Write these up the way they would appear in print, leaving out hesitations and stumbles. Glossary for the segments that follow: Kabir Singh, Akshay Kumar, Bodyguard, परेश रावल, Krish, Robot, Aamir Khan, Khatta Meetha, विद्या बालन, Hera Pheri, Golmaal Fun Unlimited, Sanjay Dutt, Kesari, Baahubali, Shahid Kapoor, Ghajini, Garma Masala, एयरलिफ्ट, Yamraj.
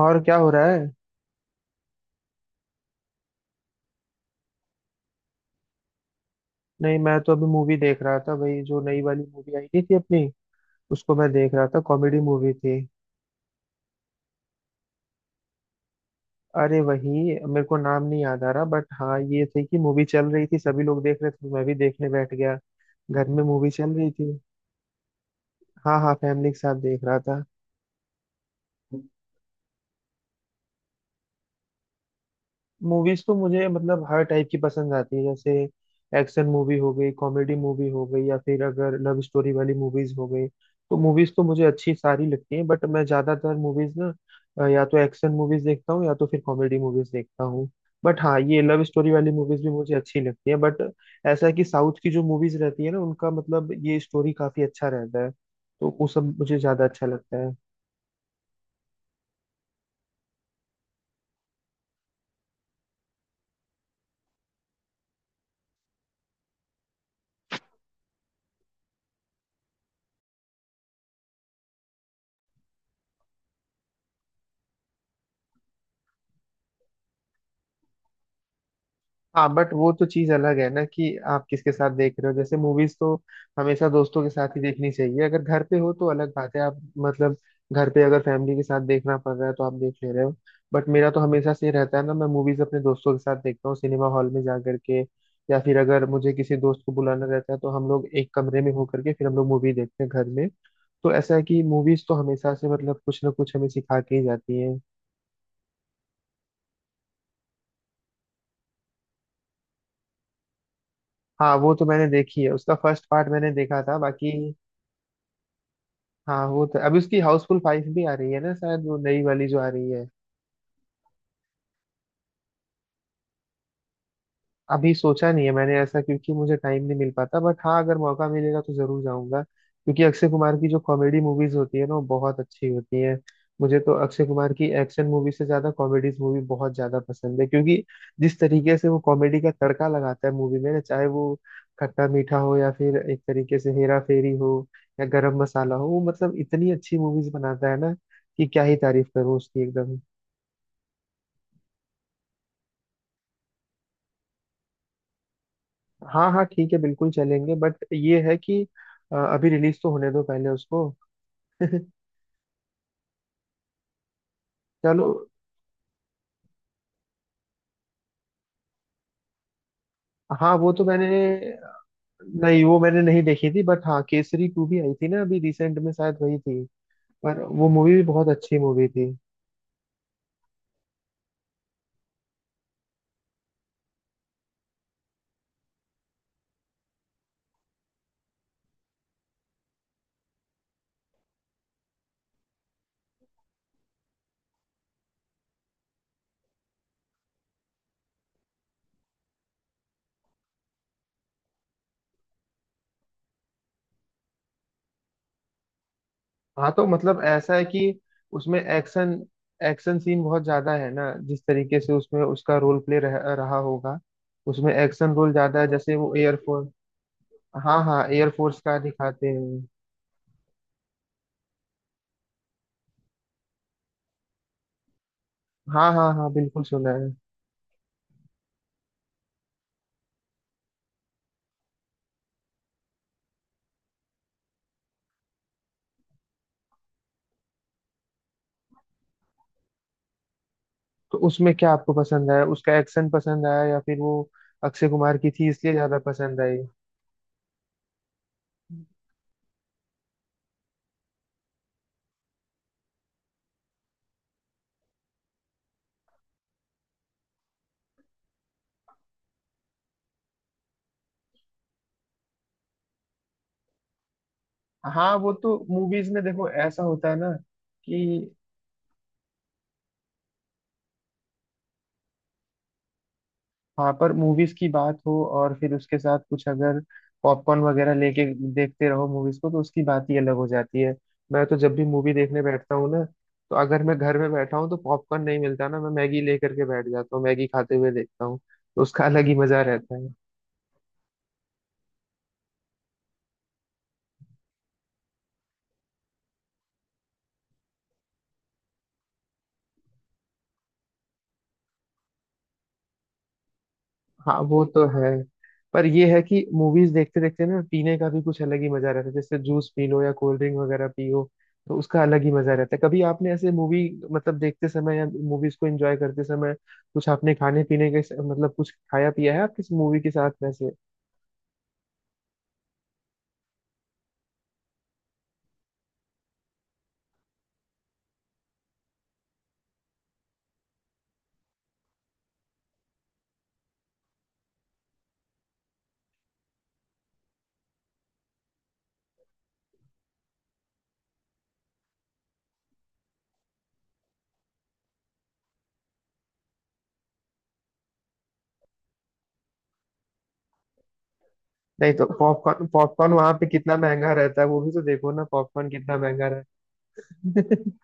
और क्या हो रहा है। नहीं, मैं तो अभी मूवी देख रहा था भाई। जो नई वाली मूवी आई नहीं थी अपनी, उसको मैं देख रहा था। कॉमेडी मूवी थी। अरे वही, मेरे को नाम नहीं याद आ रहा, बट हाँ ये थी कि मूवी चल रही थी, सभी लोग देख रहे थे तो मैं भी देखने बैठ गया। घर में मूवी चल रही थी। हाँ हाँ, फैमिली के साथ देख रहा था। मूवीज तो मुझे मतलब हर टाइप की पसंद आती है। जैसे एक्शन मूवी हो गई, कॉमेडी मूवी हो गई, या फिर अगर लव स्टोरी वाली मूवीज हो गई। तो मूवीज तो मुझे अच्छी सारी लगती हैं, बट मैं ज्यादातर मूवीज ना, या तो एक्शन मूवीज देखता हूँ या तो फिर कॉमेडी मूवीज देखता हूँ। बट हाँ, ये लव स्टोरी वाली मूवीज भी मुझे अच्छी लगती है, बट ऐसा है कि साउथ की जो मूवीज रहती है ना, उनका मतलब ये स्टोरी काफी अच्छा रहता है, तो वो सब मुझे ज्यादा अच्छा लगता है। हाँ, बट वो तो चीज अलग है ना कि आप किसके साथ देख रहे हो। जैसे मूवीज तो हमेशा दोस्तों के साथ ही देखनी चाहिए। अगर घर पे हो तो अलग बात है, आप मतलब घर पे अगर फैमिली के साथ देखना पड़ रहा है तो आप देख ले रहे हो। बट मेरा तो हमेशा से ये रहता है ना, मैं मूवीज अपने दोस्तों के साथ देखता हूँ सिनेमा हॉल में जा करके। या फिर अगर मुझे किसी दोस्त को बुलाना रहता है तो हम लोग एक कमरे में होकर के फिर हम लोग मूवी देखते हैं घर में। तो ऐसा है कि मूवीज तो हमेशा से मतलब कुछ ना कुछ हमें सिखा के ही जाती है। हाँ, वो तो मैंने देखी है। उसका फर्स्ट पार्ट मैंने देखा था, बाकी हाँ, वो तो अभी उसकी हाउसफुल फाइव भी आ रही है ना शायद, वो नई वाली जो आ रही है। अभी सोचा नहीं है मैंने ऐसा, क्योंकि मुझे टाइम नहीं मिल पाता, बट हाँ अगर मौका मिलेगा तो जरूर जाऊंगा, क्योंकि अक्षय कुमार की जो कॉमेडी मूवीज होती है ना, वो बहुत अच्छी होती है। मुझे तो अक्षय कुमार की एक्शन मूवी से ज्यादा कॉमेडीज मूवी बहुत ज्यादा पसंद है, क्योंकि जिस तरीके से वो कॉमेडी का तड़का लगाता है मूवी में ना, चाहे वो खट्टा मीठा हो, या फिर एक तरीके से हेरा फेरी हो, या गरम मसाला हो, वो मतलब इतनी अच्छी मूवीज बनाता है ना कि क्या ही तारीफ करूं उसकी, एकदम। हाँ हाँ, ठीक है, बिल्कुल चलेंगे, बट ये है कि अभी रिलीज तो होने दो पहले उसको। चलो। हाँ वो तो मैंने, नहीं वो मैंने नहीं देखी थी, बट हाँ केसरी टू भी आई थी ना अभी रिसेंट में, शायद वही थी। पर वो मूवी भी बहुत अच्छी मूवी थी। हाँ, तो मतलब ऐसा है कि उसमें एक्शन एक्शन सीन बहुत ज्यादा है ना। जिस तरीके से उसमें उसका रोल प्ले रहा होगा, उसमें एक्शन रोल ज्यादा है। जैसे वो एयरफोर्स, हाँ हाँ, एयरफोर्स का दिखाते हैं। हाँ हाँ हाँ, बिल्कुल सुना है। तो उसमें क्या आपको पसंद आया? उसका एक्शन पसंद आया या फिर वो अक्षय कुमार की थी इसलिए ज्यादा पसंद आई? हाँ, वो तो मूवीज में देखो ऐसा होता है ना कि वहाँ पर मूवीज की बात हो और फिर उसके साथ कुछ अगर पॉपकॉर्न वगैरह लेके देखते रहो मूवीज को, तो उसकी बात ही अलग हो जाती है। मैं तो जब भी मूवी देखने बैठता हूँ ना, तो अगर मैं घर में बैठा हूँ तो पॉपकॉर्न नहीं मिलता ना, मैं मैगी लेकर के बैठ जाता हूँ, मैगी खाते हुए देखता हूँ। तो उसका अलग ही मजा रहता है। हाँ वो तो है। पर ये है कि मूवीज देखते देखते ना, पीने का भी कुछ अलग ही मजा रहता है। जैसे जूस पी लो या कोल्ड ड्रिंक वगैरह पियो, तो उसका अलग ही मजा रहता है। कभी आपने ऐसे मूवी मतलब देखते समय, या मूवीज को एंजॉय करते समय कुछ आपने खाने पीने मतलब कुछ खाया पिया है आप किस मूवी के साथ वैसे? नहीं तो पॉपकॉर्न पॉपकॉर्न वहां पे कितना महंगा रहता है, वो भी तो देखो ना, पॉपकॉर्न कितना महंगा रहता है।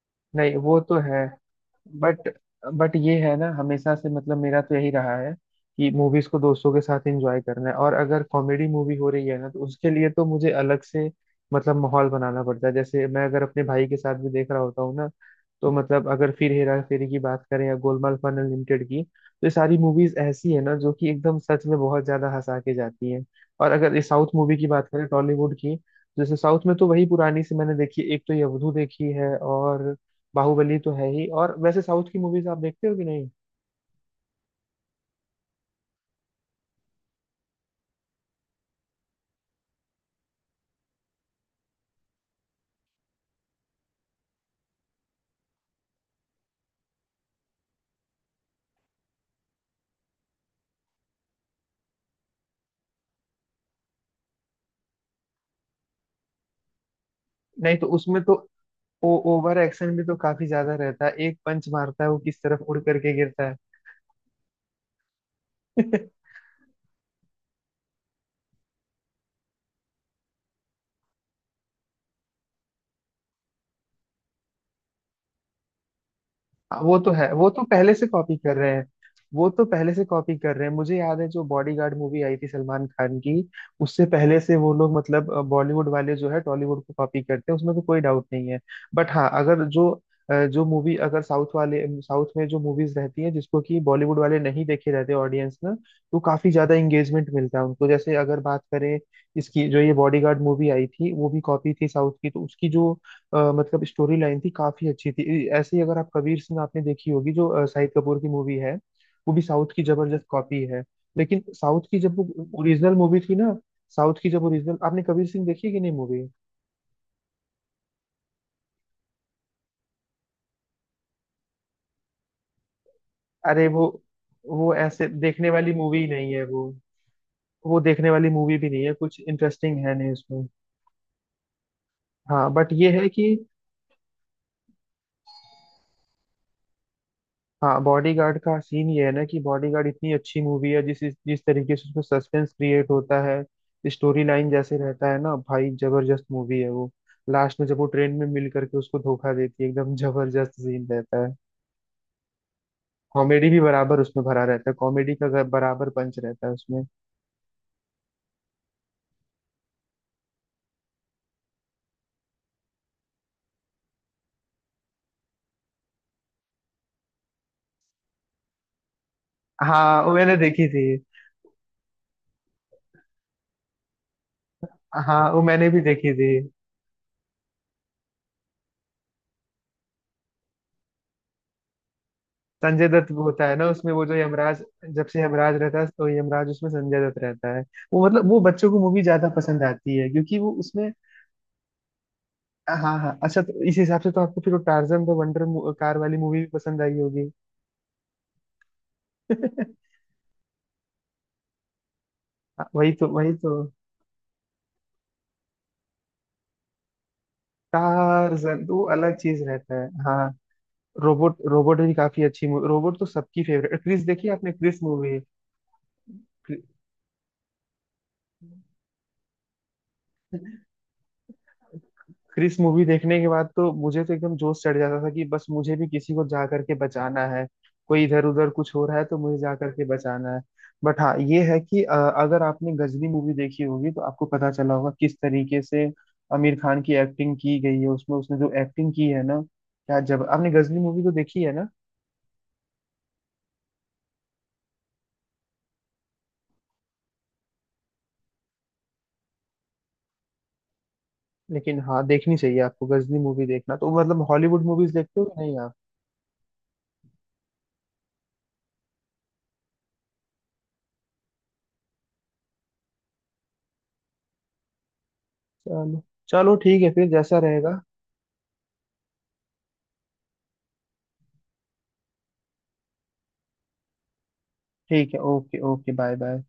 नहीं वो तो है, बट बट ये है ना, हमेशा से मतलब मेरा तो यही रहा है कि मूवीज को दोस्तों के साथ एंजॉय करना है। और अगर कॉमेडी मूवी हो रही है ना तो उसके लिए तो मुझे अलग से मतलब माहौल बनाना पड़ता है। जैसे मैं अगर अपने भाई के साथ भी देख रहा होता हूँ ना, तो मतलब अगर फिर हेरा फेरी की बात करें या गोलमाल फन अनलिमिटेड की, तो ये सारी मूवीज ऐसी है ना जो कि एकदम सच में बहुत ज्यादा हंसा के जाती हैं। और अगर ये साउथ मूवी की बात करें, टॉलीवुड की, जैसे साउथ में तो वही पुरानी सी मैंने देखी, एक तो ये अवधू देखी है, और बाहुबली तो है ही। और वैसे साउथ की मूवीज आप देखते हो कि नहीं? नहीं तो उसमें तो ओवर एक्शन भी तो काफी ज्यादा रहता है। एक पंच मारता है वो किस तरफ उड़ करके गिरता है। हाँ, वो तो है, वो तो पहले से कॉपी कर रहे हैं। वो तो पहले से कॉपी कर रहे हैं, मुझे याद है जो बॉडीगार्ड मूवी आई थी सलमान खान की, उससे पहले से वो लोग मतलब बॉलीवुड वाले जो है टॉलीवुड को कॉपी करते हैं, उसमें तो कोई डाउट नहीं है। बट हाँ, अगर जो जो मूवी अगर साउथ वाले साउथ में जो मूवीज रहती हैं जिसको कि बॉलीवुड वाले नहीं देखे रहते ऑडियंस में, तो काफी ज्यादा इंगेजमेंट मिलता है उनको। जैसे अगर बात करें इसकी, जो ये बॉडीगार्ड मूवी आई थी वो भी कॉपी थी साउथ की, तो उसकी जो मतलब स्टोरी लाइन थी काफी अच्छी थी। ऐसे ही अगर आप कबीर सिंह आपने देखी होगी, जो शाहिद कपूर की मूवी है, वो भी साउथ की जबरदस्त कॉपी है। लेकिन साउथ की जब वो ओरिजिनल मूवी थी ना, साउथ की जब ओरिजिनल, आपने कबीर सिंह देखी है कि नहीं मूवी? अरे वो ऐसे देखने वाली मूवी नहीं है वो। वो देखने वाली मूवी भी नहीं है, कुछ इंटरेस्टिंग है नहीं उसमें। हाँ बट ये है कि, हाँ, बॉडीगार्ड का सीन ये है ना कि बॉडीगार्ड इतनी अच्छी मूवी है, जिस जिस तरीके से उसमें सस्पेंस क्रिएट होता है, स्टोरी लाइन जैसे रहता है ना, भाई जबरदस्त मूवी है वो। लास्ट में जब वो ट्रेन में मिल करके उसको धोखा देती है, एकदम जबरदस्त सीन रहता है। कॉमेडी भी बराबर उसमें भरा रहता है, कॉमेडी का बराबर पंच रहता है उसमें। हाँ, वो मैंने देखी थी। हाँ, वो मैंने भी देखी थी। संजय दत्त वो होता है ना उसमें, वो जो यमराज, जब से यमराज रहता है, तो यमराज उसमें संजय दत्त रहता है। वो मतलब वो बच्चों को मूवी ज्यादा पसंद आती है, क्योंकि वो उसमें। हाँ हाँ हाँ। अच्छा, तो इस हिसाब से तो आपको फिर वो टार्जन द वंडर कार वाली मूवी भी पसंद आई होगी। हाँ, वही तो, वही तो। टार्जन तो वो अलग चीज रहता है हाँ। रोबोट रोबोट भी काफी अच्छी मूवी, रोबोट तो सबकी फेवरेट। क्रिस देखी आपने, क्रिस मूवी? क्रिस मूवी देखने के बाद तो मुझे तो एकदम जोश चढ़ जाता था कि बस मुझे भी किसी को जा करके बचाना है। कोई इधर उधर कुछ हो रहा है तो मुझे जा करके बचाना है। बट हाँ ये है कि अगर आपने गजनी मूवी देखी होगी तो आपको पता चला होगा किस तरीके से आमिर खान की एक्टिंग की गई है उसमें। उसने जो एक्टिंग की है ना क्या, जब आपने गजनी मूवी तो देखी है ना? लेकिन हाँ, देखनी चाहिए आपको गजनी मूवी। देखना तो मतलब हॉलीवुड मूवीज देखते हो कि नहीं आप? चलो, चलो ठीक है, फिर जैसा रहेगा। ठीक है, ओके ओके, बाय बाय।